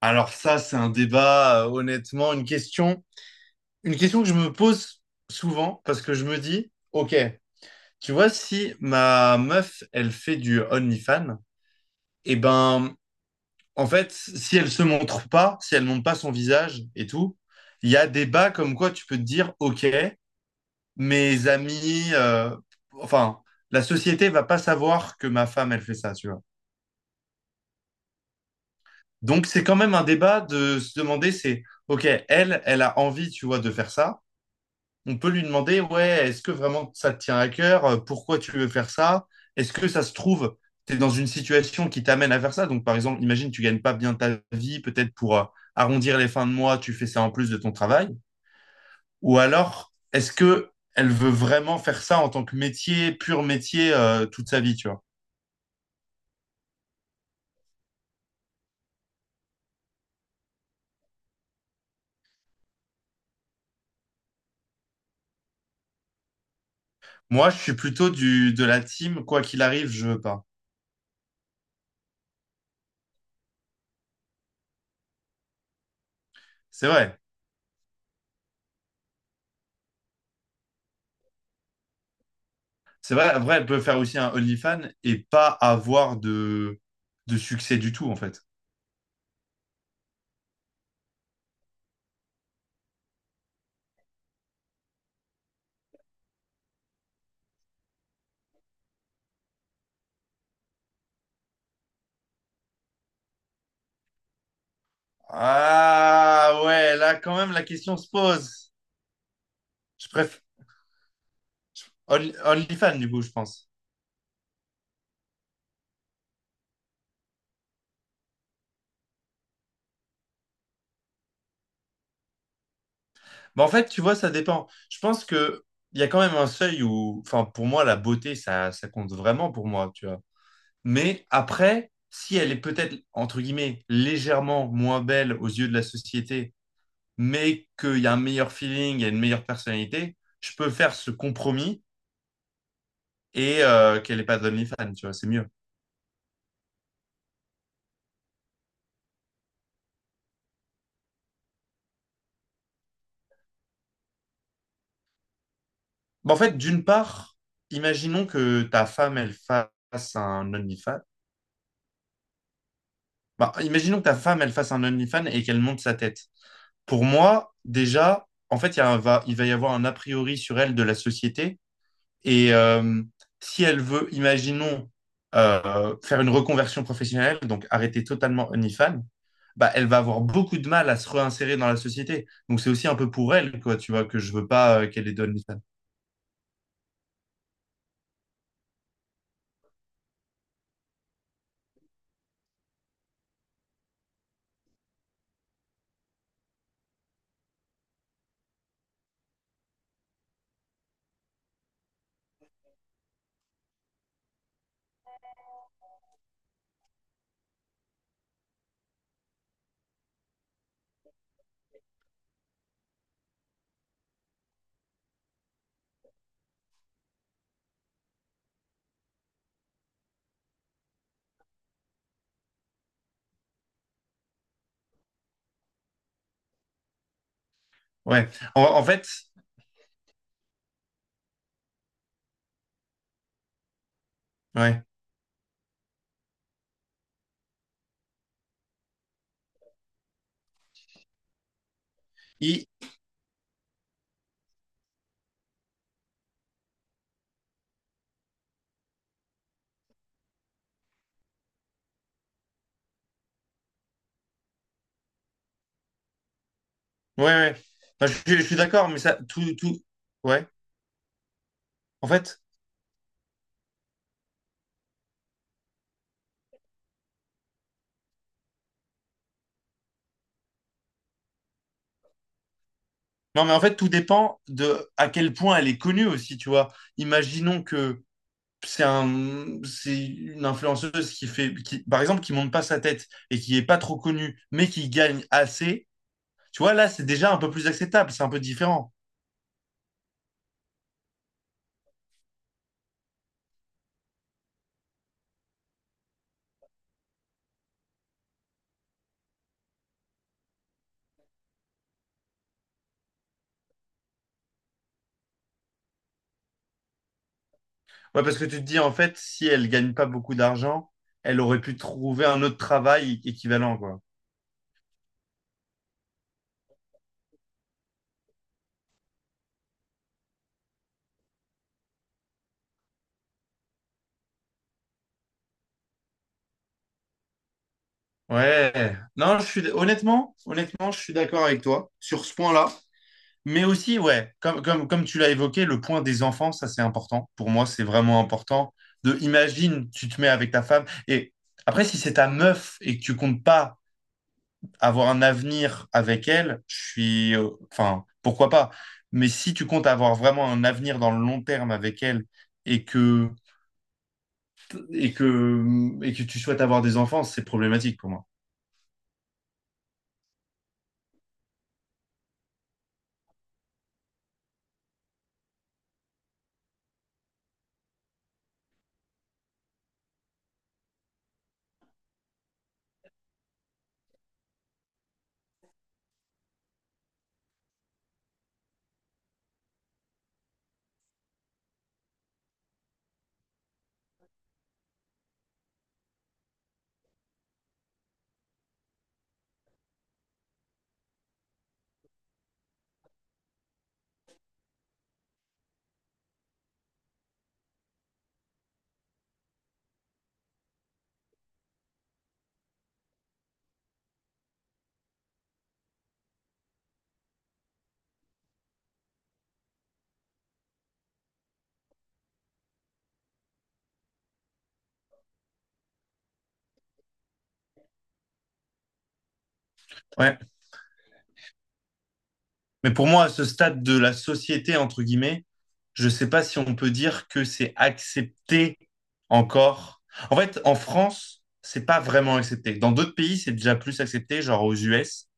Alors ça, c'est un débat, honnêtement, une question que je me pose souvent parce que je me dis, ok, tu vois, si ma meuf, elle fait du OnlyFans, et ben, en fait, si elle se montre pas, si elle montre pas son visage et tout, il y a des bas comme quoi tu peux te dire, ok, mes amis, enfin, la société va pas savoir que ma femme, elle fait ça, tu vois. Donc c'est quand même un débat de se demander, c'est, ok, elle a envie, tu vois, de faire ça. On peut lui demander, ouais, est-ce que vraiment ça te tient à cœur? Pourquoi tu veux faire ça? Est-ce que ça se trouve, tu es dans une situation qui t'amène à faire ça? Donc, par exemple, imagine, tu gagnes pas bien ta vie, peut-être pour arrondir les fins de mois, tu fais ça en plus de ton travail. Ou alors, est-ce que elle veut vraiment faire ça en tant que métier, pur métier, toute sa vie, tu vois? Moi, je suis plutôt du, de la team, quoi qu'il arrive, je veux pas. C'est vrai. C'est vrai, vrai, elle peut faire aussi un OnlyFans et pas avoir de succès du tout, en fait. Ah ouais, là quand même la question se pose. Je préfère OnlyFans du coup, je pense. Mais en fait, tu vois, ça dépend. Je pense que il y a quand même un seuil où, enfin, pour moi, la beauté, ça compte vraiment pour moi, tu vois. Mais après, si elle est peut-être entre guillemets légèrement moins belle aux yeux de la société, mais qu'il y a un meilleur feeling, il y a une meilleure personnalité, je peux faire ce compromis et qu'elle n'ait pas d'OnlyFans, tu vois, c'est mieux. Bah, en fait, d'une part, imaginons que ta femme, elle fasse un OnlyFans. Bah, imaginons que ta femme, elle fasse un OnlyFans et qu'elle monte sa tête. Pour moi, déjà, en fait, il va y avoir un a priori sur elle de la société et si elle veut, imaginons, faire une reconversion professionnelle, donc arrêter totalement OnlyFans, bah, elle va avoir beaucoup de mal à se réinsérer dans la société. Donc c'est aussi un peu pour elle, quoi, tu vois, que je veux pas qu'elle ait de OnlyFans. Ouais. En fait, ouais. Il- Ouais, ouais. Non, je suis d'accord, mais ça, tout, ouais. En fait, non, mais en fait, tout dépend de à quel point elle est connue aussi, tu vois. Imaginons que c'est un, c'est une influenceuse qui fait, qui, par exemple, qui monte pas sa tête et qui est pas trop connue, mais qui gagne assez. Tu vois, là, c'est déjà un peu plus acceptable, c'est un peu différent. Ouais, parce que tu te dis, en fait, si elle gagne pas beaucoup d'argent, elle aurait pu trouver un autre travail équivalent, quoi. Ouais. Non, je suis, honnêtement, je suis d'accord avec toi sur ce point-là. Mais aussi, ouais, comme tu l'as évoqué, le point des enfants, ça c'est important. Pour moi, c'est vraiment important. De, imagine, tu te mets avec ta femme. Et après, si c'est ta meuf et que tu comptes pas avoir un avenir avec elle, je suis. Enfin, pourquoi pas? Mais si tu comptes avoir vraiment un avenir dans le long terme avec elle et que, et que, et que tu souhaites avoir des enfants, c'est problématique pour moi. Ouais. Mais pour moi, à ce stade de la société, entre guillemets, je ne sais pas si on peut dire que c'est accepté encore. En fait, en France, c'est pas vraiment accepté. Dans d'autres pays, c'est déjà plus accepté, genre aux US.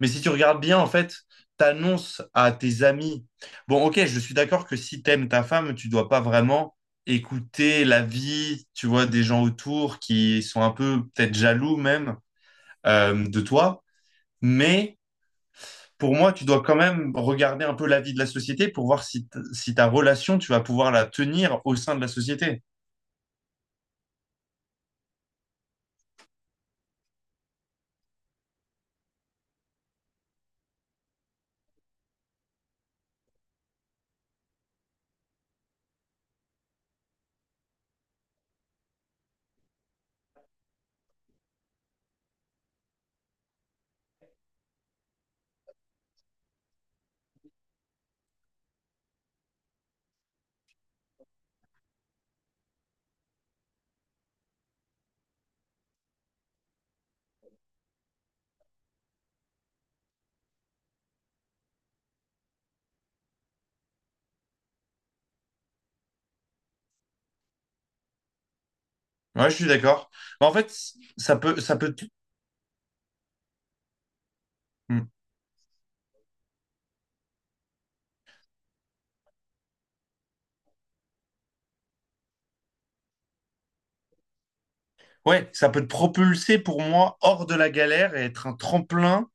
Mais si tu regardes bien, en fait, t'annonces à tes amis. Bon, ok, je suis d'accord que si t'aimes ta femme, tu dois pas vraiment écouter la vie, tu vois, des gens autour qui sont un peu peut-être jaloux même de toi. Mais pour moi, tu dois quand même regarder un peu la vie de la société pour voir si, t- si ta relation, tu vas pouvoir la tenir au sein de la société. Ouais, je suis d'accord. Mais en fait, ça peut, te- Hmm. Ouais, ça peut te propulser pour moi hors de la galère et être un tremplin.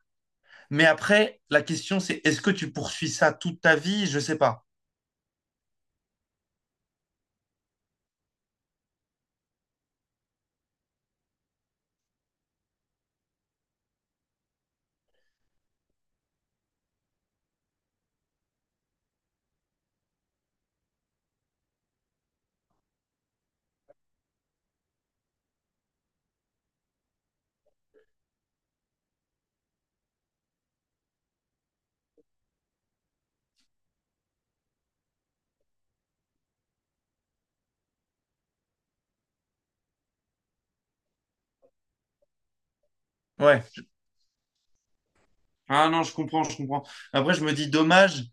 Mais après, la question, c'est est-ce que tu poursuis ça toute ta vie? Je sais pas. Ouais. Ah non, je comprends. Après, je me dis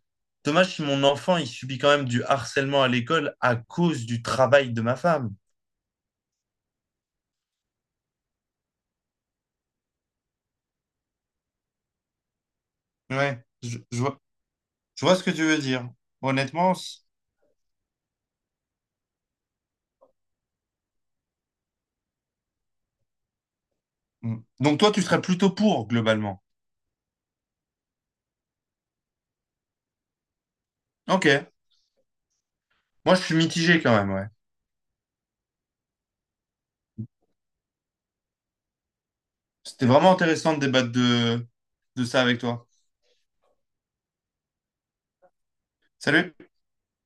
dommage si mon enfant, il subit quand même du harcèlement à l'école à cause du travail de ma femme. Ouais, je vois ce que tu veux dire. Honnêtement, c- Mm. Donc toi, tu serais plutôt pour, globalement. Ok. Moi, je suis mitigé quand même, ouais. C'était vraiment intéressant de débattre de ça avec toi. Salut.